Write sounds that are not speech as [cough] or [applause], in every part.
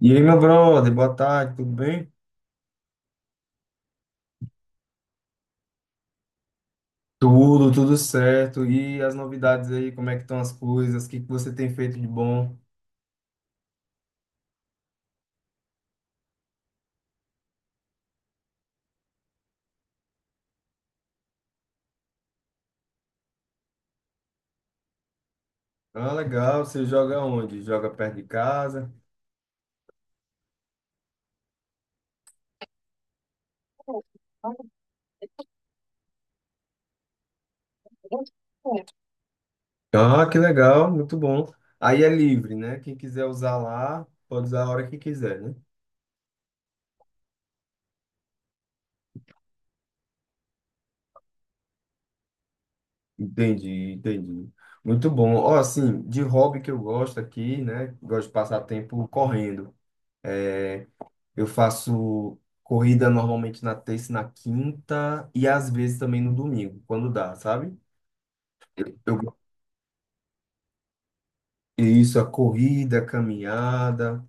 E aí, meu brother, boa tarde, tudo bem? Tudo, tudo certo. E as novidades aí, como é que estão as coisas? O que que você tem feito de bom? Ah, legal, você joga onde? Joga perto de casa? Ah, que legal, muito bom. Aí é livre, né? Quem quiser usar lá, pode usar a hora que quiser, né? Entendi, entendi. Muito bom. Ó, assim, de hobby que eu gosto aqui, né? Gosto de passar tempo correndo. Eu faço corrida normalmente na terça e na quinta e às vezes também no domingo, quando dá, sabe? Eu, isso, a corrida, a caminhada,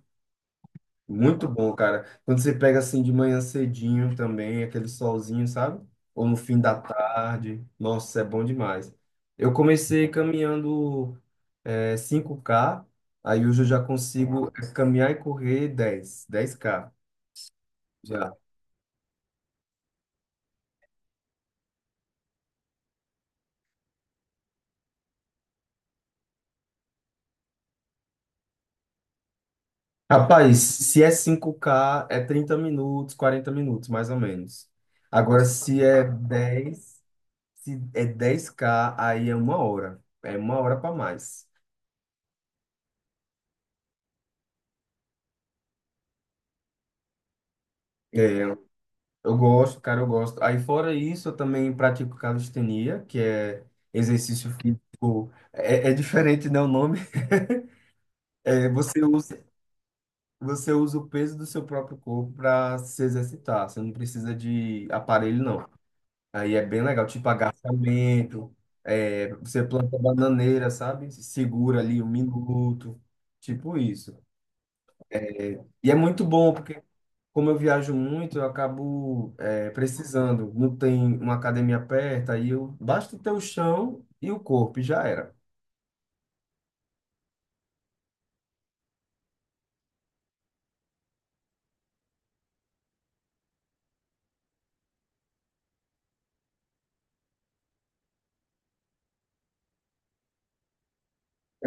muito bom, cara. Quando você pega assim de manhã cedinho também, aquele solzinho, sabe? Ou no fim da tarde, nossa, é bom demais. Eu comecei caminhando 5K, aí hoje eu já consigo caminhar e correr dez k já. Rapaz, se é 5K é 30 minutos, 40 minutos, mais ou menos. Agora, se é dez k aí é uma hora. É uma hora para mais. É, eu gosto, cara, eu gosto. Aí, fora isso, eu também pratico calistenia, que é exercício físico. É diferente, né, o nome? [laughs] É, você usa, você usa o peso do seu próprio corpo para se exercitar. Você não precisa de aparelho, não. Aí é bem legal, tipo agachamento, você planta bananeira, sabe? Se Segura ali 1 minuto, tipo isso. E é muito bom, porque como eu viajo muito, eu acabo precisando. Não tem uma academia perto, aí eu basta ter o chão e o corpo, e já era.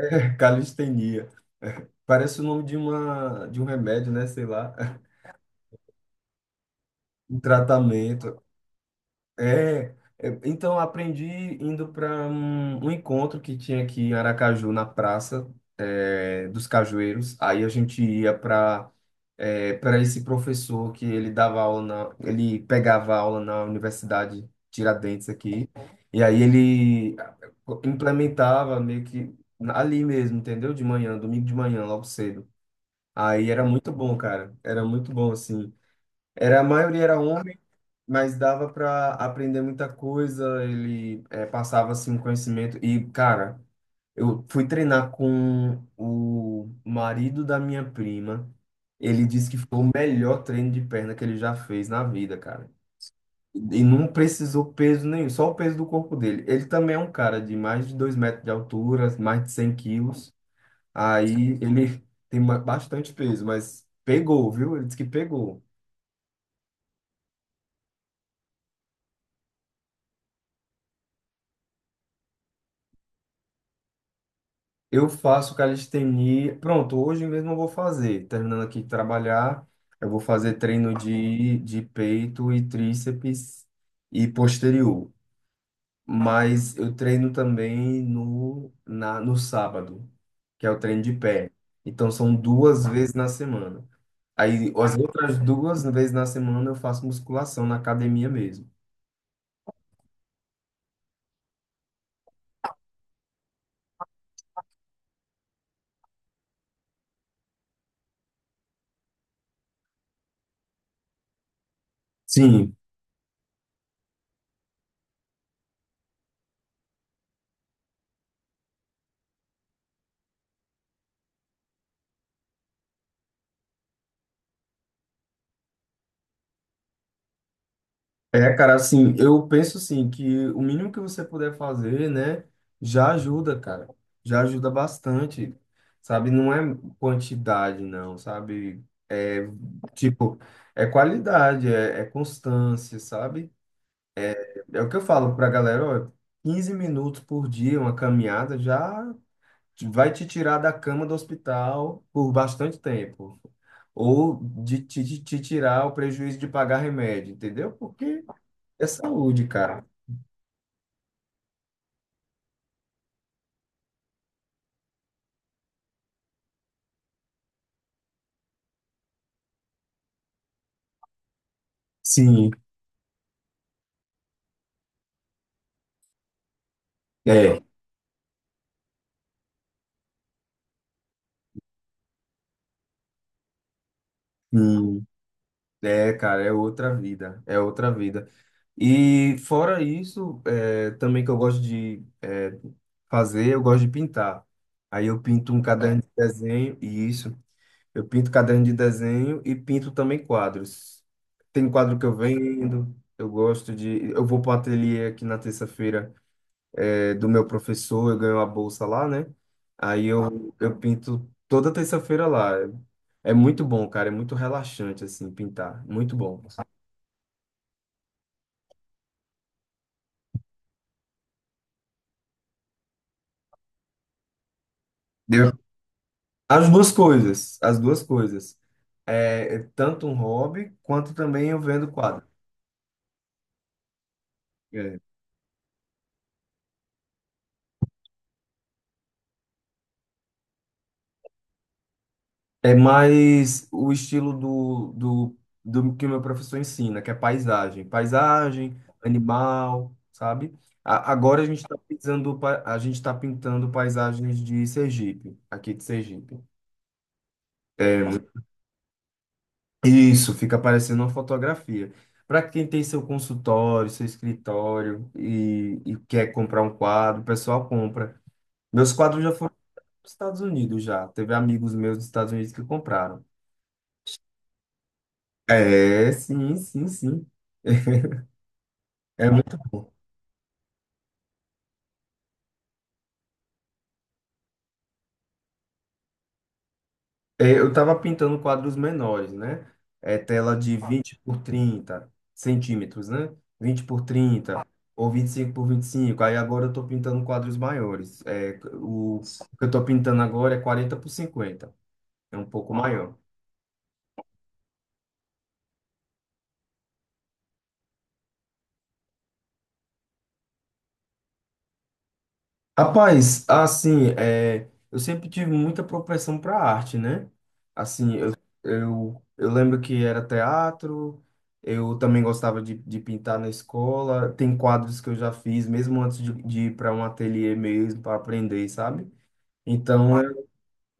[laughs] Calistenia. Parece o nome de uma de um remédio, né? Sei lá, [laughs] um tratamento. É, então eu aprendi indo para um encontro que tinha aqui em Aracaju, na Praça dos Cajueiros. Aí a gente ia para esse professor que ele pegava aula na Universidade Tiradentes aqui. E aí ele implementava meio que ali mesmo, entendeu? De manhã, domingo de manhã, logo cedo. Aí era muito bom, cara. Era muito bom, assim. Era, a maioria era homem, mas dava para aprender muita coisa. Ele passava assim um conhecimento e cara, eu fui treinar com o marido da minha prima. Ele disse que foi o melhor treino de perna que ele já fez na vida, cara. E não precisou peso nenhum, só o peso do corpo dele. Ele também é um cara de mais de 2 metros de altura, mais de 100 quilos. Aí ele bastante peso, mas pegou, viu? Ele disse que pegou. Eu faço calistenia. Pronto, hoje mesmo eu vou fazer. Terminando aqui de trabalhar, eu vou fazer treino de peito e tríceps e posterior. Mas eu treino também no sábado, que é o treino de pé. Então são 2 vezes na semana. Aí as outras 2 vezes na semana eu faço musculação na academia mesmo. Sim, é, cara, assim, eu penso assim que o mínimo que você puder fazer, né, já ajuda, cara. Já ajuda bastante, sabe? Não é quantidade, não, sabe? É, tipo, é qualidade, é constância, sabe? É o que eu falo pra galera, ó, 15 minutos por dia, uma caminhada já vai te tirar da cama do hospital por bastante tempo. Ou de te, te tirar o prejuízo de pagar remédio, entendeu? Porque é saúde, cara. Sim, é, hum, é, cara, é outra vida, é outra vida. E fora isso, é, também que eu gosto de fazer, eu gosto de pintar. Aí eu pinto um caderno de desenho, e isso, eu pinto caderno de desenho e pinto também quadros. Tem quadro que eu vendo, eu gosto de, eu vou para o ateliê aqui na terça-feira do meu professor, eu ganho a bolsa lá, né? Aí eu pinto toda terça-feira lá. É muito bom, cara, é muito relaxante, assim, pintar. Muito bom. Deu. As duas coisas, as duas coisas. É, é tanto um hobby, quanto também eu vendo quadro. É. É mais o estilo do que o meu professor ensina, que é paisagem. Paisagem, animal, sabe? Agora a gente está pintando, a gente tá pintando paisagens de Sergipe, aqui de Sergipe. É, isso, fica parecendo uma fotografia. Para quem tem seu consultório, seu escritório e quer comprar um quadro, o pessoal compra. Meus quadros já foram para os Estados Unidos já. Teve amigos meus dos Estados Unidos que compraram. É, sim, sim, sim. [laughs] É muito bom. É, eu estava pintando quadros menores, né? É tela de 20 por 30 centímetros, né? 20 por 30 ou 25 por 25. Aí agora eu estou pintando quadros maiores. É, o que eu estou pintando agora é 40 por 50. É um pouco maior. Rapaz, assim, é, eu sempre tive muita propensão para arte, né? Assim, eu, eu lembro que era teatro, eu também gostava de pintar na escola, tem quadros que eu já fiz, mesmo antes de ir para um ateliê mesmo, para aprender, sabe? Então, é,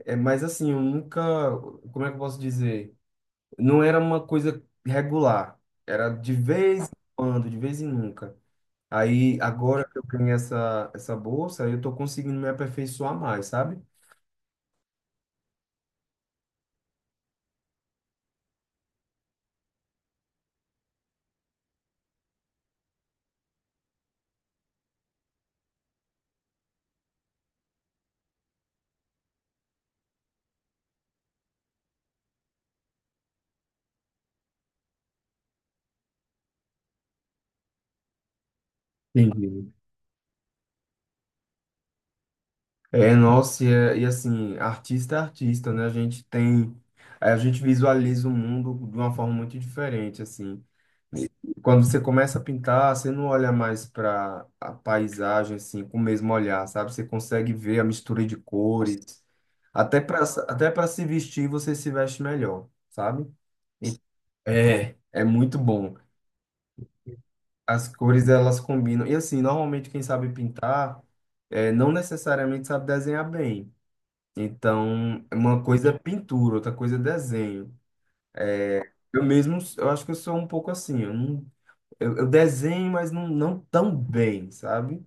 é, mas assim, eu nunca, como é que eu posso dizer? Não era uma coisa regular, era de vez em quando, de vez em nunca. Aí, agora que eu ganhei essa bolsa, eu tô conseguindo me aperfeiçoar mais, sabe? Entendi. É, nossa, e assim, artista é artista, né? A gente tem, a gente visualiza o mundo de uma forma muito diferente, assim. Quando você começa a pintar, você não olha mais para a paisagem, assim, com o mesmo olhar, sabe? Você consegue ver a mistura de cores. Até para até para se vestir, você se veste melhor, sabe? É, é muito bom. As cores elas combinam. E assim, normalmente quem sabe pintar não necessariamente sabe desenhar bem. Então, é uma coisa é pintura, outra coisa é desenho. Eu mesmo, eu acho que eu sou um pouco assim, eu não, eu desenho, mas não, não tão bem, sabe?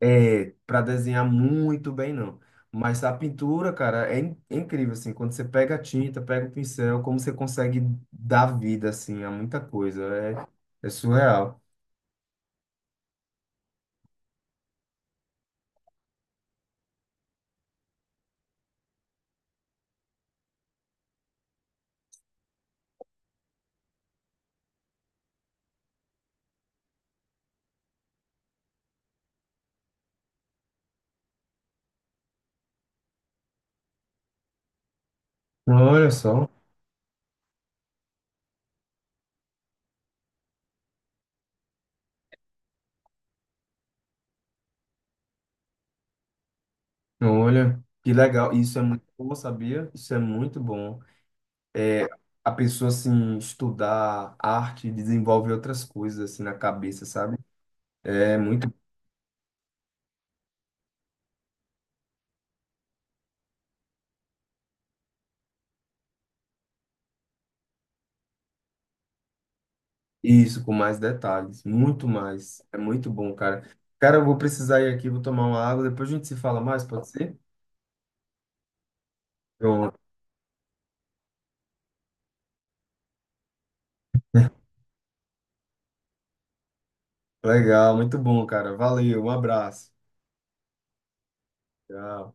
É, para desenhar muito bem, não. Mas a pintura, cara, é, é incrível, assim, quando você pega a tinta, pega o pincel, como você consegue dar vida, assim, a muita coisa, é, é surreal. Olha só. Olha, que legal. Isso é muito bom, sabia? Isso é muito bom. É, a pessoa, assim, estudar arte, desenvolve outras coisas, assim, na cabeça, sabe? É muito isso, com mais detalhes, muito mais. É muito bom, cara. Cara, eu vou precisar ir aqui, vou tomar uma água, depois a gente se fala mais, pode ser? Pronto. Legal, muito bom, cara. Valeu, um abraço. Tchau.